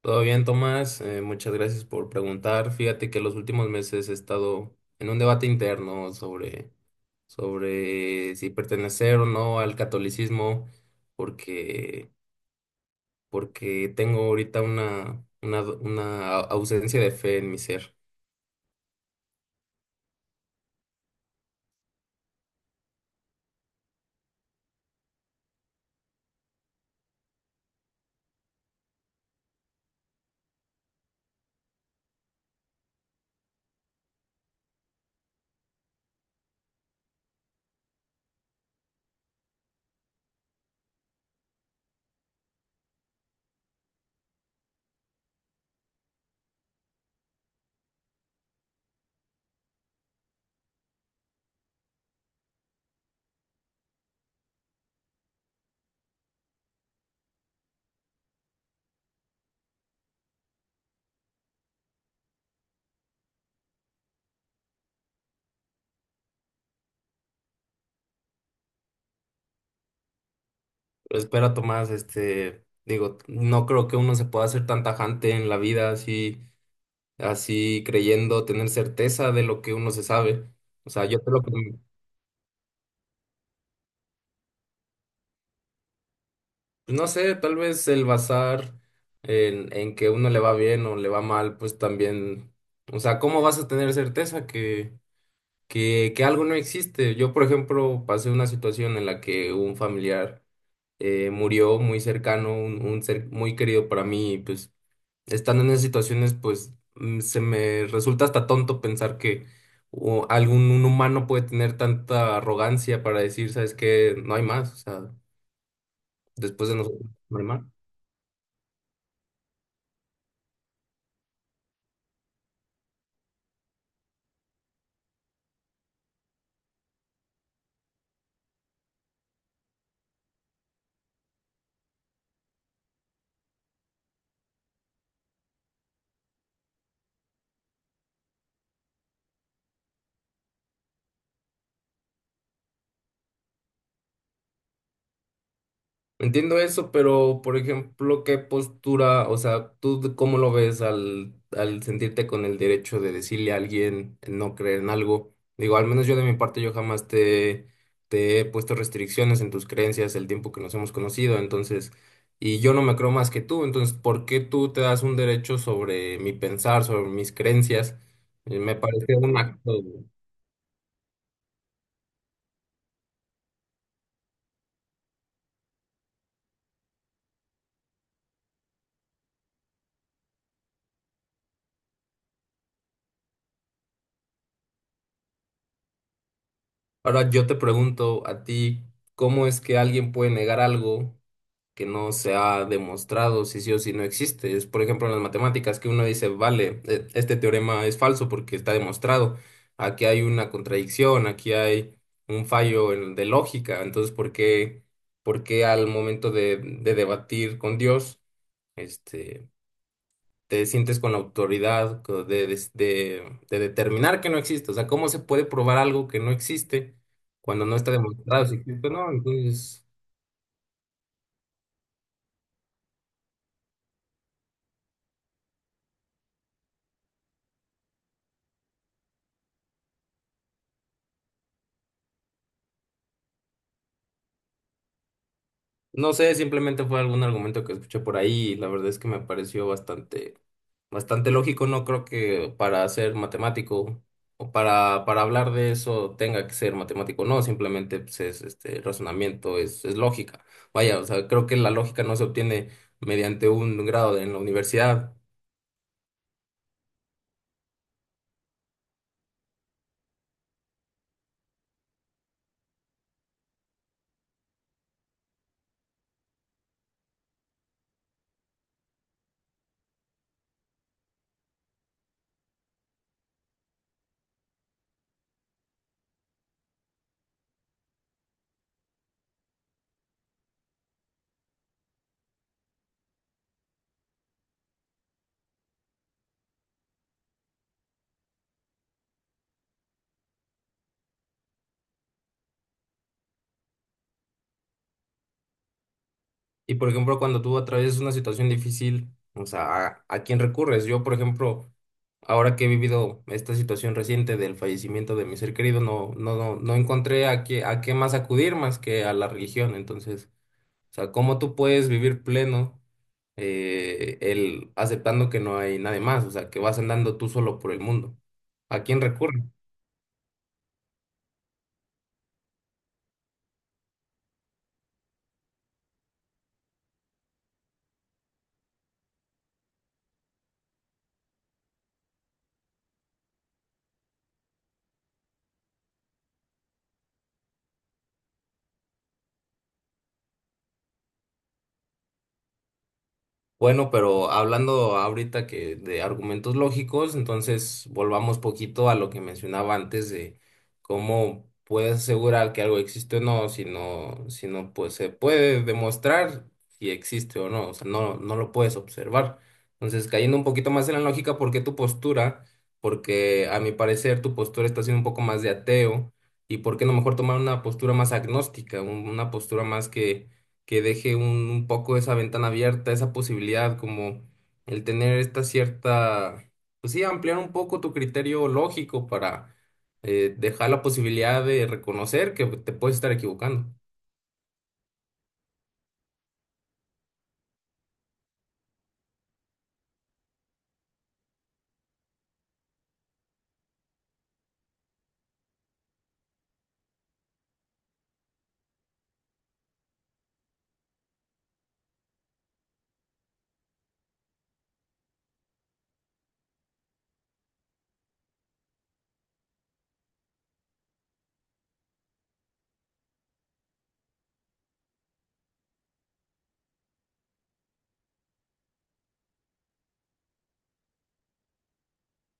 Todo bien, Tomás. Muchas gracias por preguntar. Fíjate que los últimos meses he estado en un debate interno sobre si pertenecer o no al catolicismo, porque, porque tengo ahorita una ausencia de fe en mi ser. Pero espera, Tomás, digo, no creo que uno se pueda ser tan tajante en la vida así creyendo tener certeza de lo que uno se sabe. O sea, yo creo que pues, no sé, tal vez el bazar en que uno le va bien o le va mal, pues también, o sea, ¿cómo vas a tener certeza que algo no existe? Yo, por ejemplo, pasé una situación en la que un familiar murió muy cercano, un ser muy querido para mí, y pues estando en esas situaciones, pues se me resulta hasta tonto pensar que o, algún un humano puede tener tanta arrogancia para decir, ¿sabes qué? No hay más, o sea, después de nosotros, no hay más. Entiendo eso, pero por ejemplo, ¿qué postura, o sea, tú cómo lo ves al, al sentirte con el derecho de decirle a alguien no creer en algo? Digo, al menos yo de mi parte, yo jamás te he puesto restricciones en tus creencias el tiempo que nos hemos conocido, entonces, y yo no me creo más que tú, entonces, ¿por qué tú te das un derecho sobre mi pensar, sobre mis creencias? Me parece un acto. Ahora yo te pregunto a ti, ¿cómo es que alguien puede negar algo que no se ha demostrado si sí o si no existe? Es, por ejemplo, en las matemáticas que uno dice, vale, este teorema es falso porque está demostrado. Aquí hay una contradicción, aquí hay un fallo de lógica. Entonces, ¿por qué al momento de debatir con Dios, este, te sientes con la autoridad de, de determinar que no existe? O sea, ¿cómo se puede probar algo que no existe cuando no está demostrado si existe o no? Entonces, no sé, simplemente fue algún argumento que escuché por ahí y la verdad es que me pareció bastante, bastante lógico. No creo que para ser matemático o para hablar de eso tenga que ser matemático. No, simplemente pues, es este razonamiento, es lógica. Vaya, o sea, creo que la lógica no se obtiene mediante un grado en la universidad. Y por ejemplo, cuando tú atraviesas una situación difícil, o sea, a quién recurres? Yo, por ejemplo, ahora que he vivido esta situación reciente del fallecimiento de mi ser querido, no, no, no, no encontré a qué más acudir más que a la religión. Entonces, o sea, ¿cómo tú puedes vivir pleno el aceptando que no hay nadie más? O sea, que vas andando tú solo por el mundo. ¿A quién recurres? Bueno, pero hablando ahorita que de argumentos lógicos, entonces volvamos poquito a lo que mencionaba antes de cómo puedes asegurar que algo existe o no, si no, pues se puede demostrar si existe o no, o sea, no, no lo puedes observar. Entonces, cayendo un poquito más en la lógica, ¿por qué tu postura? Porque a mi parecer tu postura está siendo un poco más de ateo y por qué no mejor tomar una postura más agnóstica, una postura más que deje un poco esa ventana abierta, esa posibilidad, como el tener esta cierta, pues sí, ampliar un poco tu criterio lógico para dejar la posibilidad de reconocer que te puedes estar equivocando.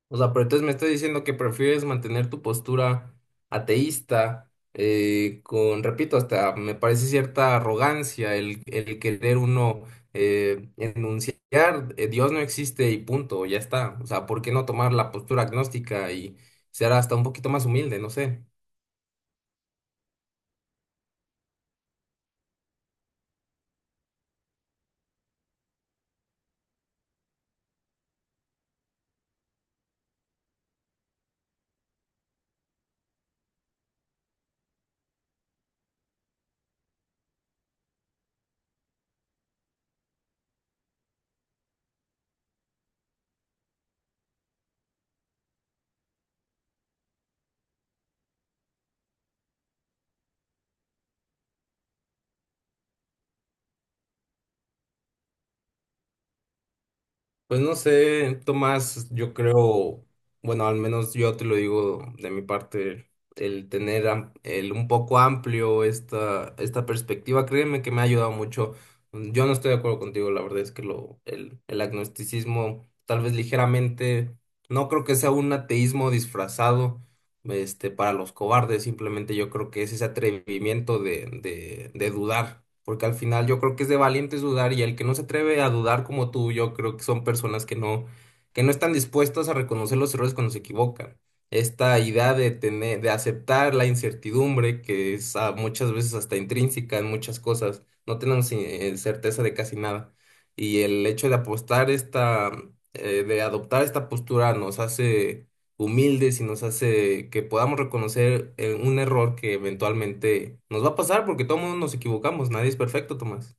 O sea, pero entonces me estás diciendo que prefieres mantener tu postura ateísta, con, repito, hasta me parece cierta arrogancia el querer uno enunciar, Dios no existe y punto, ya está. O sea, ¿por qué no tomar la postura agnóstica y ser hasta un poquito más humilde? No sé. Pues no sé, Tomás, yo creo, bueno, al menos yo te lo digo de mi parte, el tener el un poco amplio esta perspectiva, créeme que me ha ayudado mucho. Mm, yo no estoy de acuerdo contigo, la verdad es que el agnosticismo, tal vez ligeramente, no creo que sea un ateísmo disfrazado para los cobardes, simplemente yo creo que es ese atrevimiento de dudar, porque al final yo creo que es de valientes dudar y el que no se atreve a dudar como tú, yo creo que son personas que no están dispuestas a reconocer los errores cuando se equivocan. Esta idea de tener, de aceptar la incertidumbre, que es muchas veces hasta intrínseca en muchas cosas, no tenemos certeza de casi nada. Y el hecho de apostar de adoptar esta postura nos hace humildes y nos hace que podamos reconocer un error que eventualmente nos va a pasar porque todo mundo nos equivocamos, nadie es perfecto, Tomás.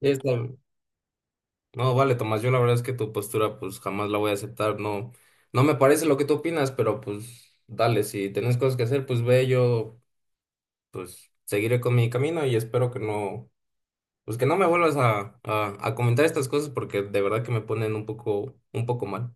Es la- No, vale, Tomás, yo la verdad es que tu postura pues jamás la voy a aceptar, no, no me parece lo que tú opinas, pero pues dale, si tenés cosas que hacer, pues ve, yo pues seguiré con mi camino y espero que no, pues que no me vuelvas a comentar estas cosas porque de verdad que me ponen un poco mal.